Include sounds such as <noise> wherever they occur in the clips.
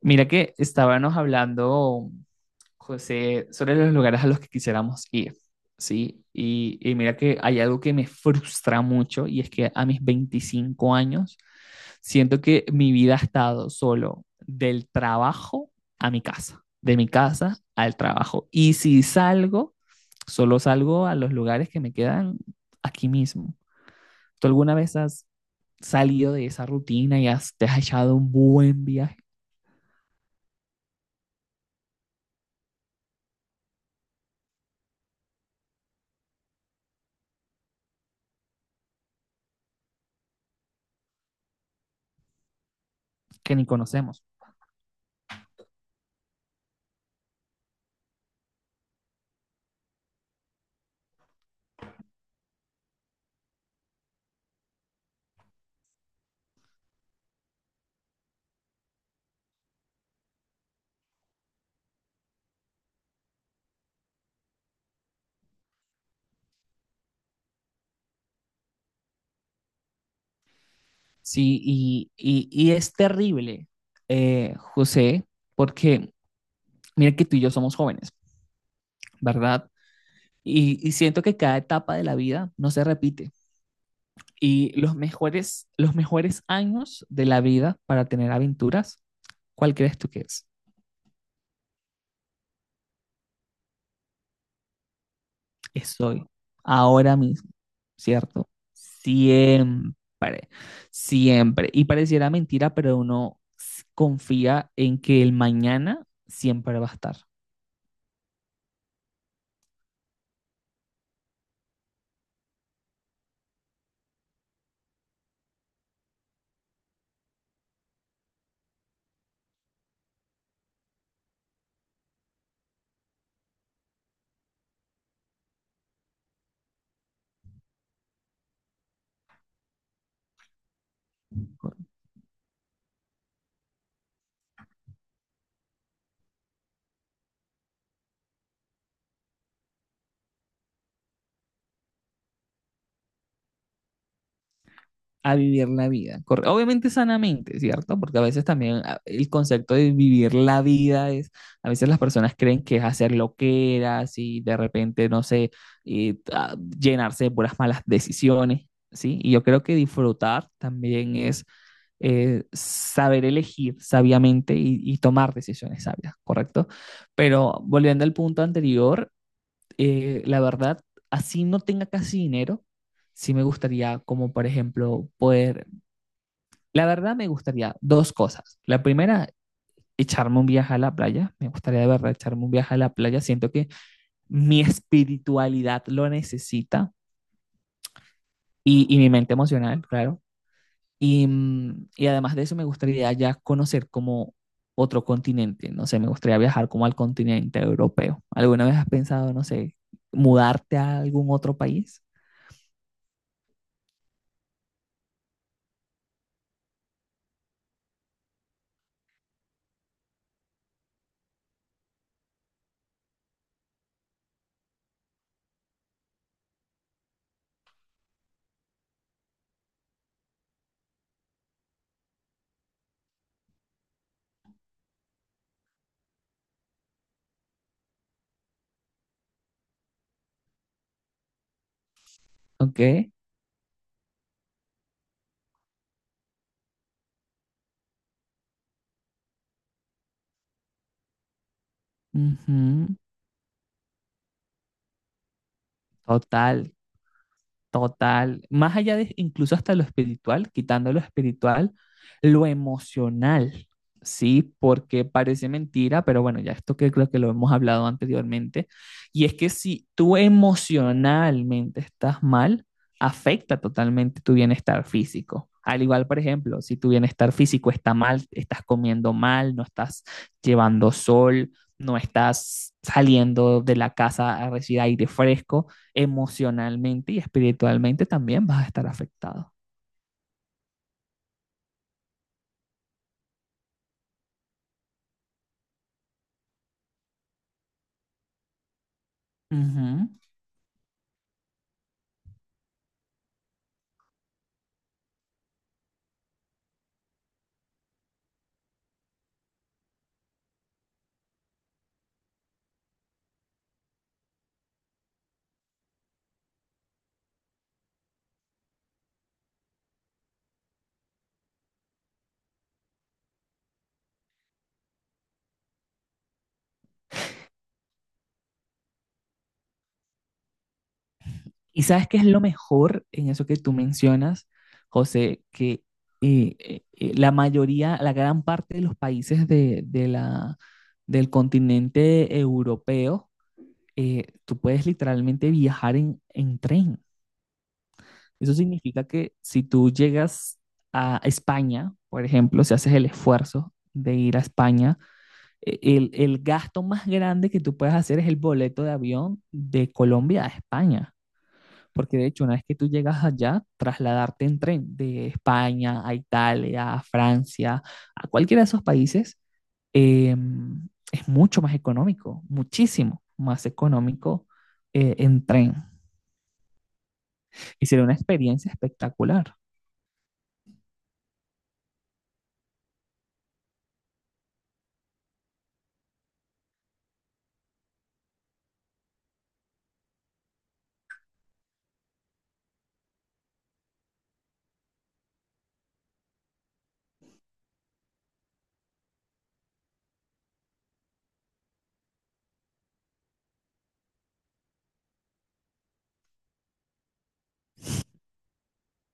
Mira que estábamos hablando, José, sobre los lugares a los que quisiéramos ir, ¿sí? Y mira que hay algo que me frustra mucho y es que a mis 25 años siento que mi vida ha estado solo del trabajo a mi casa, de mi casa al trabajo. Y si salgo, solo salgo a los lugares que me quedan aquí mismo. ¿Tú alguna vez has salido de esa rutina y te has echado un buen viaje que ni conocemos? Sí, y es terrible, José, porque mira que tú y yo somos jóvenes, ¿verdad? Y siento que cada etapa de la vida no se repite. Y los mejores años de la vida para tener aventuras, ¿cuál crees tú que es? Es hoy, ahora mismo, ¿cierto? Siempre, siempre. Y pareciera mentira, pero confía en que el mañana siempre va a estar. A vivir la vida. Obviamente sanamente, ¿cierto? Porque a veces también el concepto de vivir la vida es, a veces las personas creen que es hacer loqueras y de repente, no sé, llenarse de puras malas decisiones, ¿sí? Y yo creo que disfrutar también es saber elegir sabiamente y tomar decisiones sabias, ¿correcto? Pero volviendo al punto anterior, la verdad, así no tenga casi dinero, sí me gustaría como por ejemplo poder, la verdad me gustaría dos cosas. La primera, echarme un viaje a la playa, me gustaría de verdad echarme un viaje a la playa, siento que mi espiritualidad lo necesita y mi mente emocional, claro. Y y además de eso me gustaría ya conocer como otro continente, no sé, me gustaría viajar como al continente europeo. ¿Alguna vez has pensado, no sé, mudarte a algún otro país? ¿Ok? Ujú. Total. Total, más allá de incluso hasta lo espiritual, quitando lo espiritual, lo emocional, ¿sí? Porque parece mentira, pero bueno, ya esto que creo que lo hemos hablado anteriormente, y es que si tú emocionalmente estás mal, afecta totalmente tu bienestar físico. Al igual, por ejemplo, si tu bienestar físico está mal, estás comiendo mal, no estás llevando sol, no estás saliendo de la casa a recibir aire fresco, emocionalmente y espiritualmente también vas a estar afectado. Uh -huh. Y sabes qué es lo mejor en eso que tú mencionas, José, que la mayoría, la gran parte de los países de la, del continente europeo, tú puedes literalmente viajar en tren. Eso significa que si tú llegas a España, por ejemplo, si haces el esfuerzo de ir a España, el gasto más grande que tú puedes hacer es el boleto de avión de Colombia a España. Porque de hecho, una vez que tú llegas allá, trasladarte en tren de España a Italia, a Francia, a cualquiera de esos países, eh, es mucho más económico, muchísimo más económico en tren. Y sería una experiencia espectacular.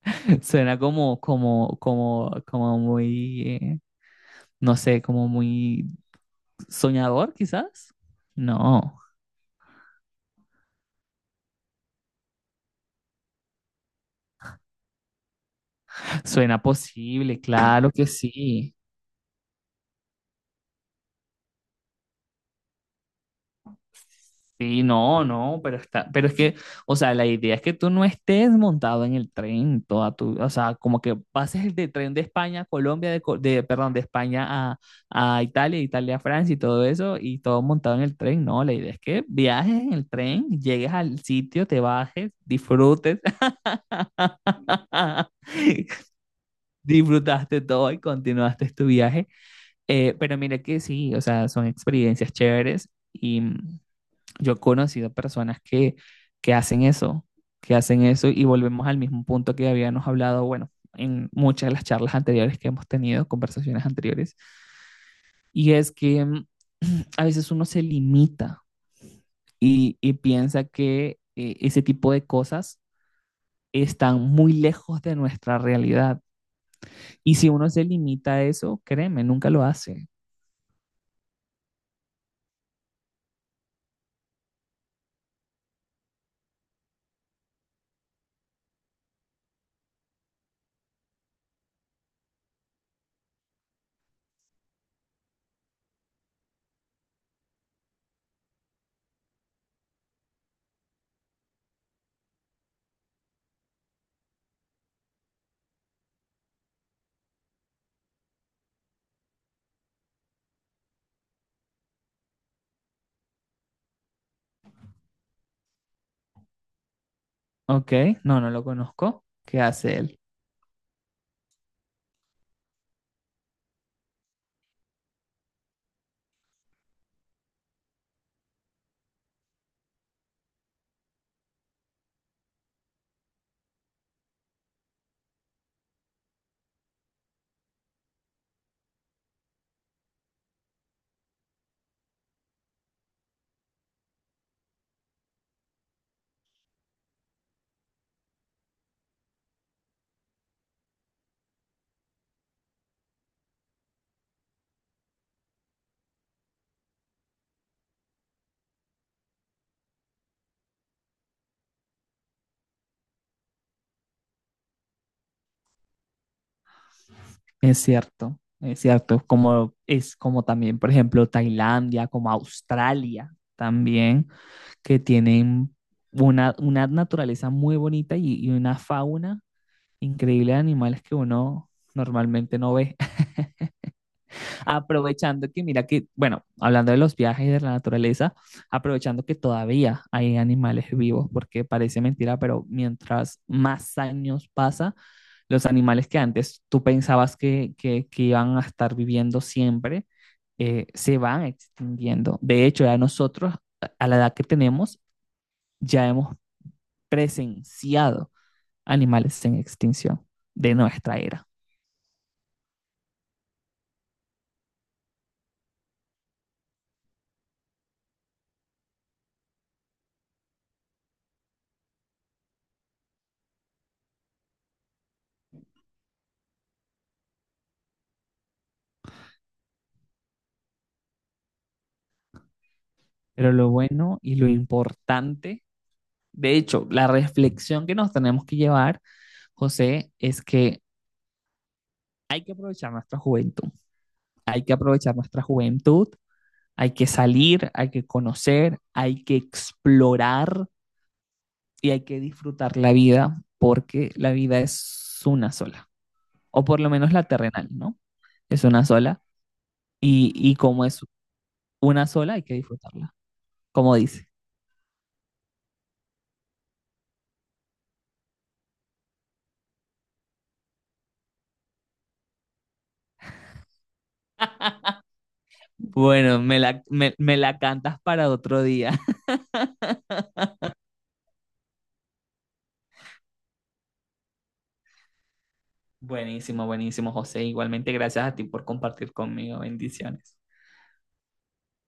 <laughs> Suena como muy, no sé, como muy soñador quizás. No. Suena posible, claro que sí. Sí, no, no, pero está, pero es que, o sea, la idea es que tú no estés montado en el tren toda tu, o sea, como que pases el de tren de España a Colombia, perdón, de España a Italia, de Italia a Francia y todo eso, y todo montado en el tren, no, la idea es que viajes en el tren, llegues al sitio, te bajes, disfrutes, <laughs> disfrutaste todo y continuaste tu viaje. Pero mira que sí, o sea, son experiencias chéveres y yo he conocido personas que hacen eso, que hacen eso y volvemos al mismo punto que habíamos hablado, bueno, en muchas de las charlas anteriores que hemos tenido, conversaciones anteriores, y es que <clears throat> a veces uno se limita y piensa que ese tipo de cosas están muy lejos de nuestra realidad. Y si uno se limita a eso, créeme, nunca lo hace. ¿Ok? No, no lo conozco. ¿Qué hace él? Es cierto, como es como también, por ejemplo, Tailandia, como Australia también, que tienen una naturaleza muy bonita y una fauna increíble de animales que uno normalmente no ve. Aprovechando que, mira que, bueno, hablando de los viajes y de la naturaleza, aprovechando que todavía hay animales vivos, porque parece mentira, pero mientras más años pasa, los animales que antes tú pensabas que iban a estar viviendo siempre, se van extinguiendo. De hecho, ya nosotros, a la edad que tenemos, ya hemos presenciado animales en extinción de nuestra era. Pero lo bueno y lo importante. De hecho, la reflexión que nos tenemos que llevar, José, es que hay que aprovechar nuestra juventud, hay que aprovechar nuestra juventud, hay que salir, hay que conocer, hay que explorar y hay que disfrutar la vida porque la vida es una sola, o por lo menos la terrenal, ¿no? Es una sola y como es una sola hay que disfrutarla, como dice. Bueno, me la cantas para otro día. Buenísimo, buenísimo, José. Igualmente, gracias a ti por compartir conmigo. Bendiciones.